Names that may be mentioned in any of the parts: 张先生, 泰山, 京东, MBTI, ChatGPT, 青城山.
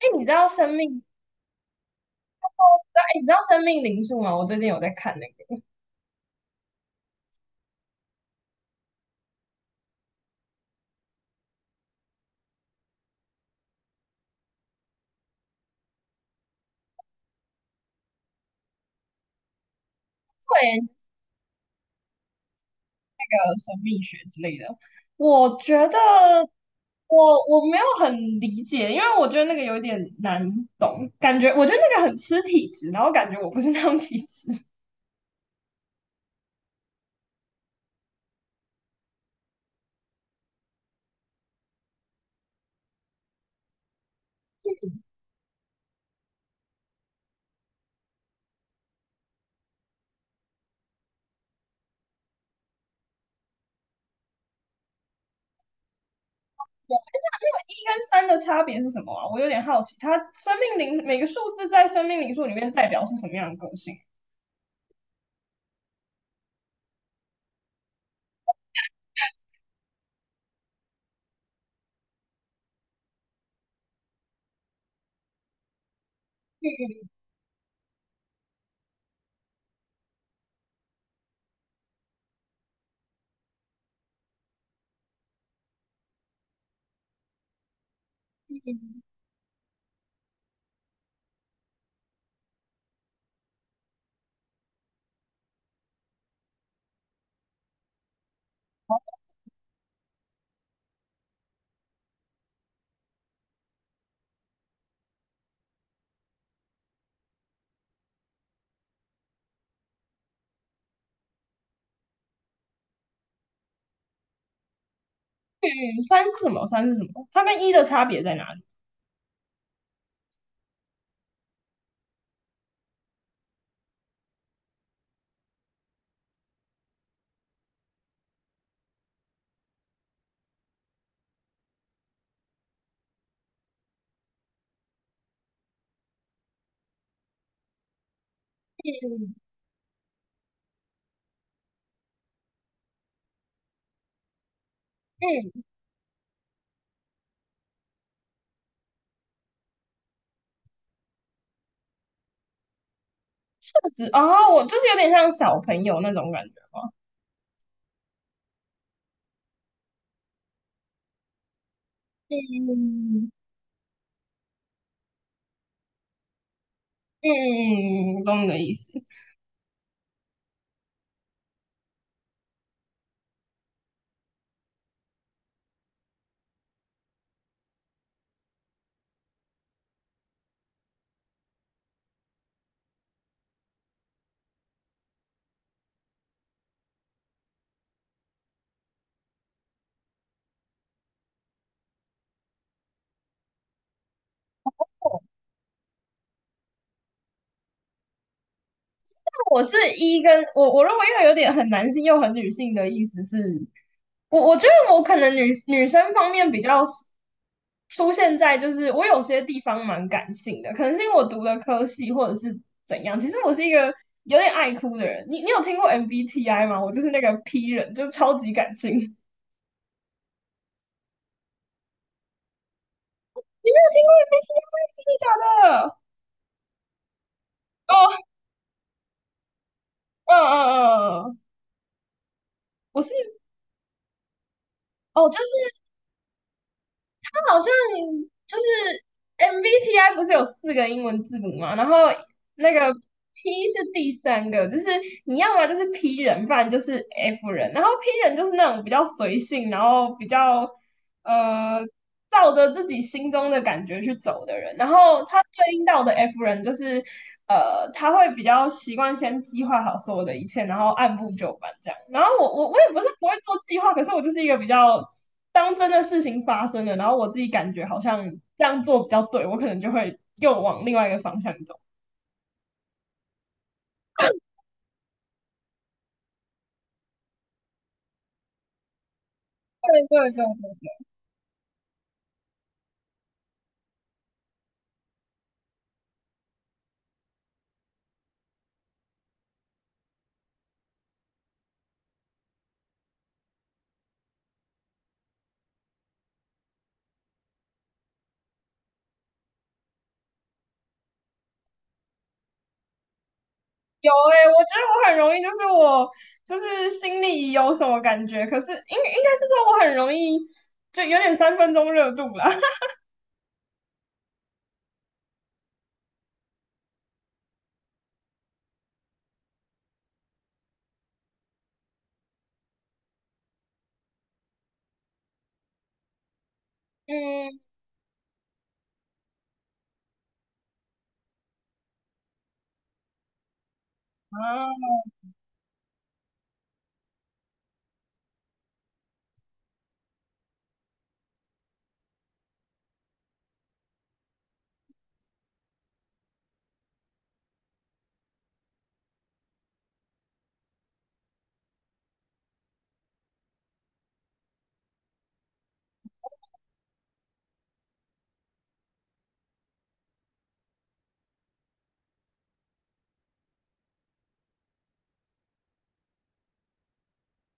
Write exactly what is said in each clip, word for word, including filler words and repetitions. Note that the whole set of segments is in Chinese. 哎，你知道生命，哦，知道。哎，你知道生命灵数吗？我最近有在看那个，会研究那个神秘学之类的。我觉得我我没有很理解，因为我觉得那个有点难懂，感觉我觉得那个很吃体质，然后感觉我不是那种体质。对。那一跟三的差别是什么啊？我有点好奇，它生命灵每个数字在生命灵数里面代表是什么样的个性？嗯嗯，好。嗯，三是什么？三是什么？它跟一的差别在哪里？嗯嗯，特质哦？我就是有点像小朋友那种感觉吗？嗯嗯嗯，懂你的意思。我是一跟我我认为又有点很男性又很女性的意思是，我我觉得我可能女女生方面比较出现在就是我有些地方蛮感性的，可能是因为我读的科系或者是怎样。其实我是一个有点爱哭的人。你你有听过 M B T I 吗？我就是那个 P 人，就是超级感性。你没有听过 M B T I？真的假的？哦，嗯嗯嗯。嗯，我是。哦，就是它好像就是 M B T I 不是有四个英文字母嘛，然后那个 P 是第三个，就是你要么就是 P 人，不然就是 F 人。然后 P 人就是那种比较随性，然后比较呃照着自己心中的感觉去走的人。然后他对应到的 F 人就是呃他会比较习惯先计划好所有的一切，然后按部就班这样。然后我我我也不是不会做计划，可是我就是一个比较。当真的事情发生了，然后我自己感觉好像这样做比较对，我可能就会又往另外一个方向走。对对对对，有哎、欸，我觉得我很容易，就是我就是心里有什么感觉，可是应应该是说我很容易就有点三分钟热度啦。嗯。啊，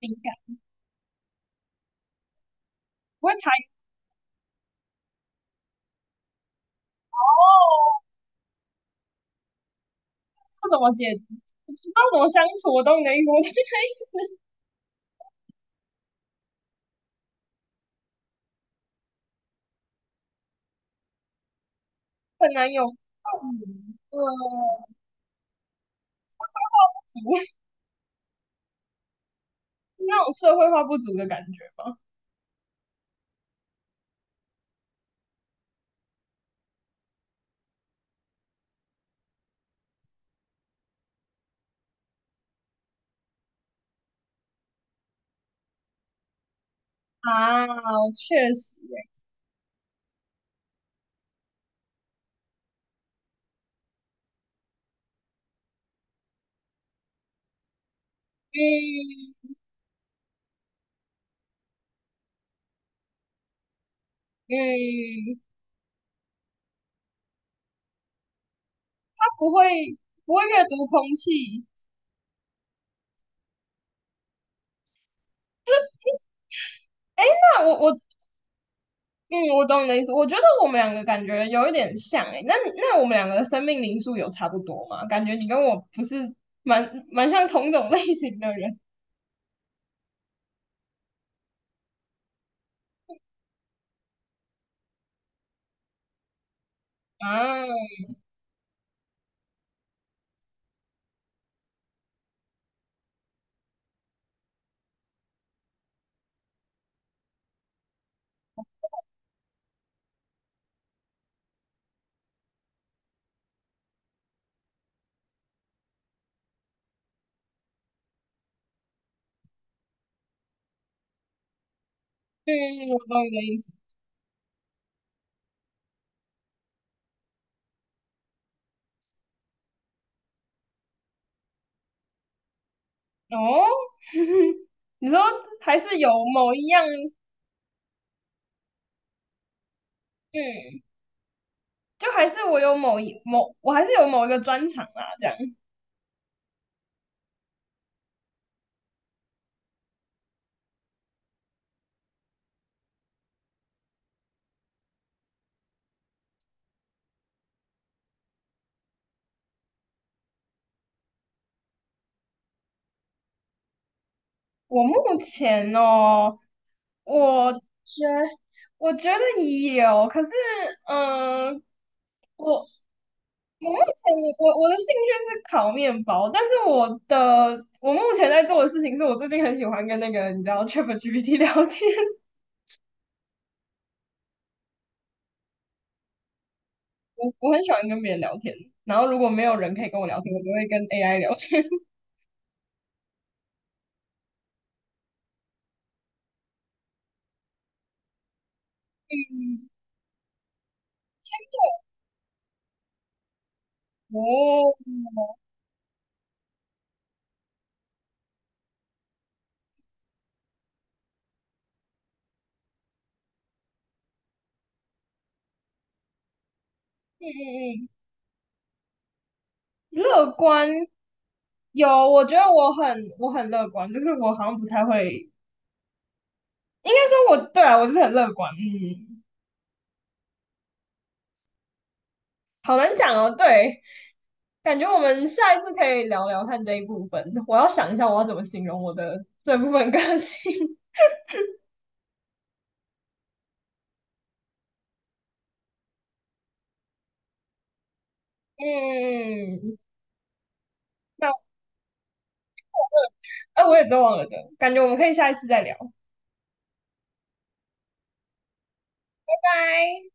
敏感，不会猜。哦，不怎么解，不知道怎么相处，我懂你的意思。我觉得很难有。嗯，呃，足那种社会化不足的感觉吧。啊，确实欸。嗯嗯，它不会。不会阅读空气。哎，那我我嗯，我懂你的意思。我觉得我们两个感觉有一点像哎、那那我们两个的生命灵数有差不多吗？感觉你跟我不是蛮蛮像同种类型的人啊。嗯，我懂你的意思。哦，你说还是有某一样。嗯，就还是我有某一某，我还是有某一个专长啦，这样。我目前哦。我觉我觉得有，可是嗯，我我目前我我的兴趣是烤面包，但是我的我目前在做的事情是我最近很喜欢跟那个你知道 ChatGPT 聊天。我我很喜欢跟别人聊天，然后如果没有人可以跟我聊天，我就会跟 A I 聊天。哦，嗯嗯嗯，乐观，有。我觉得我很我很乐观，就是我好像不太会，应该说我，对啊，我是很乐观。嗯。好难讲哦。对，感觉我们下一次可以聊聊看这一部分。我要想一下我要怎么形容我的这部分个性。嗯，那哎、呃我也都忘了的，感觉我们可以下一次再聊。拜拜。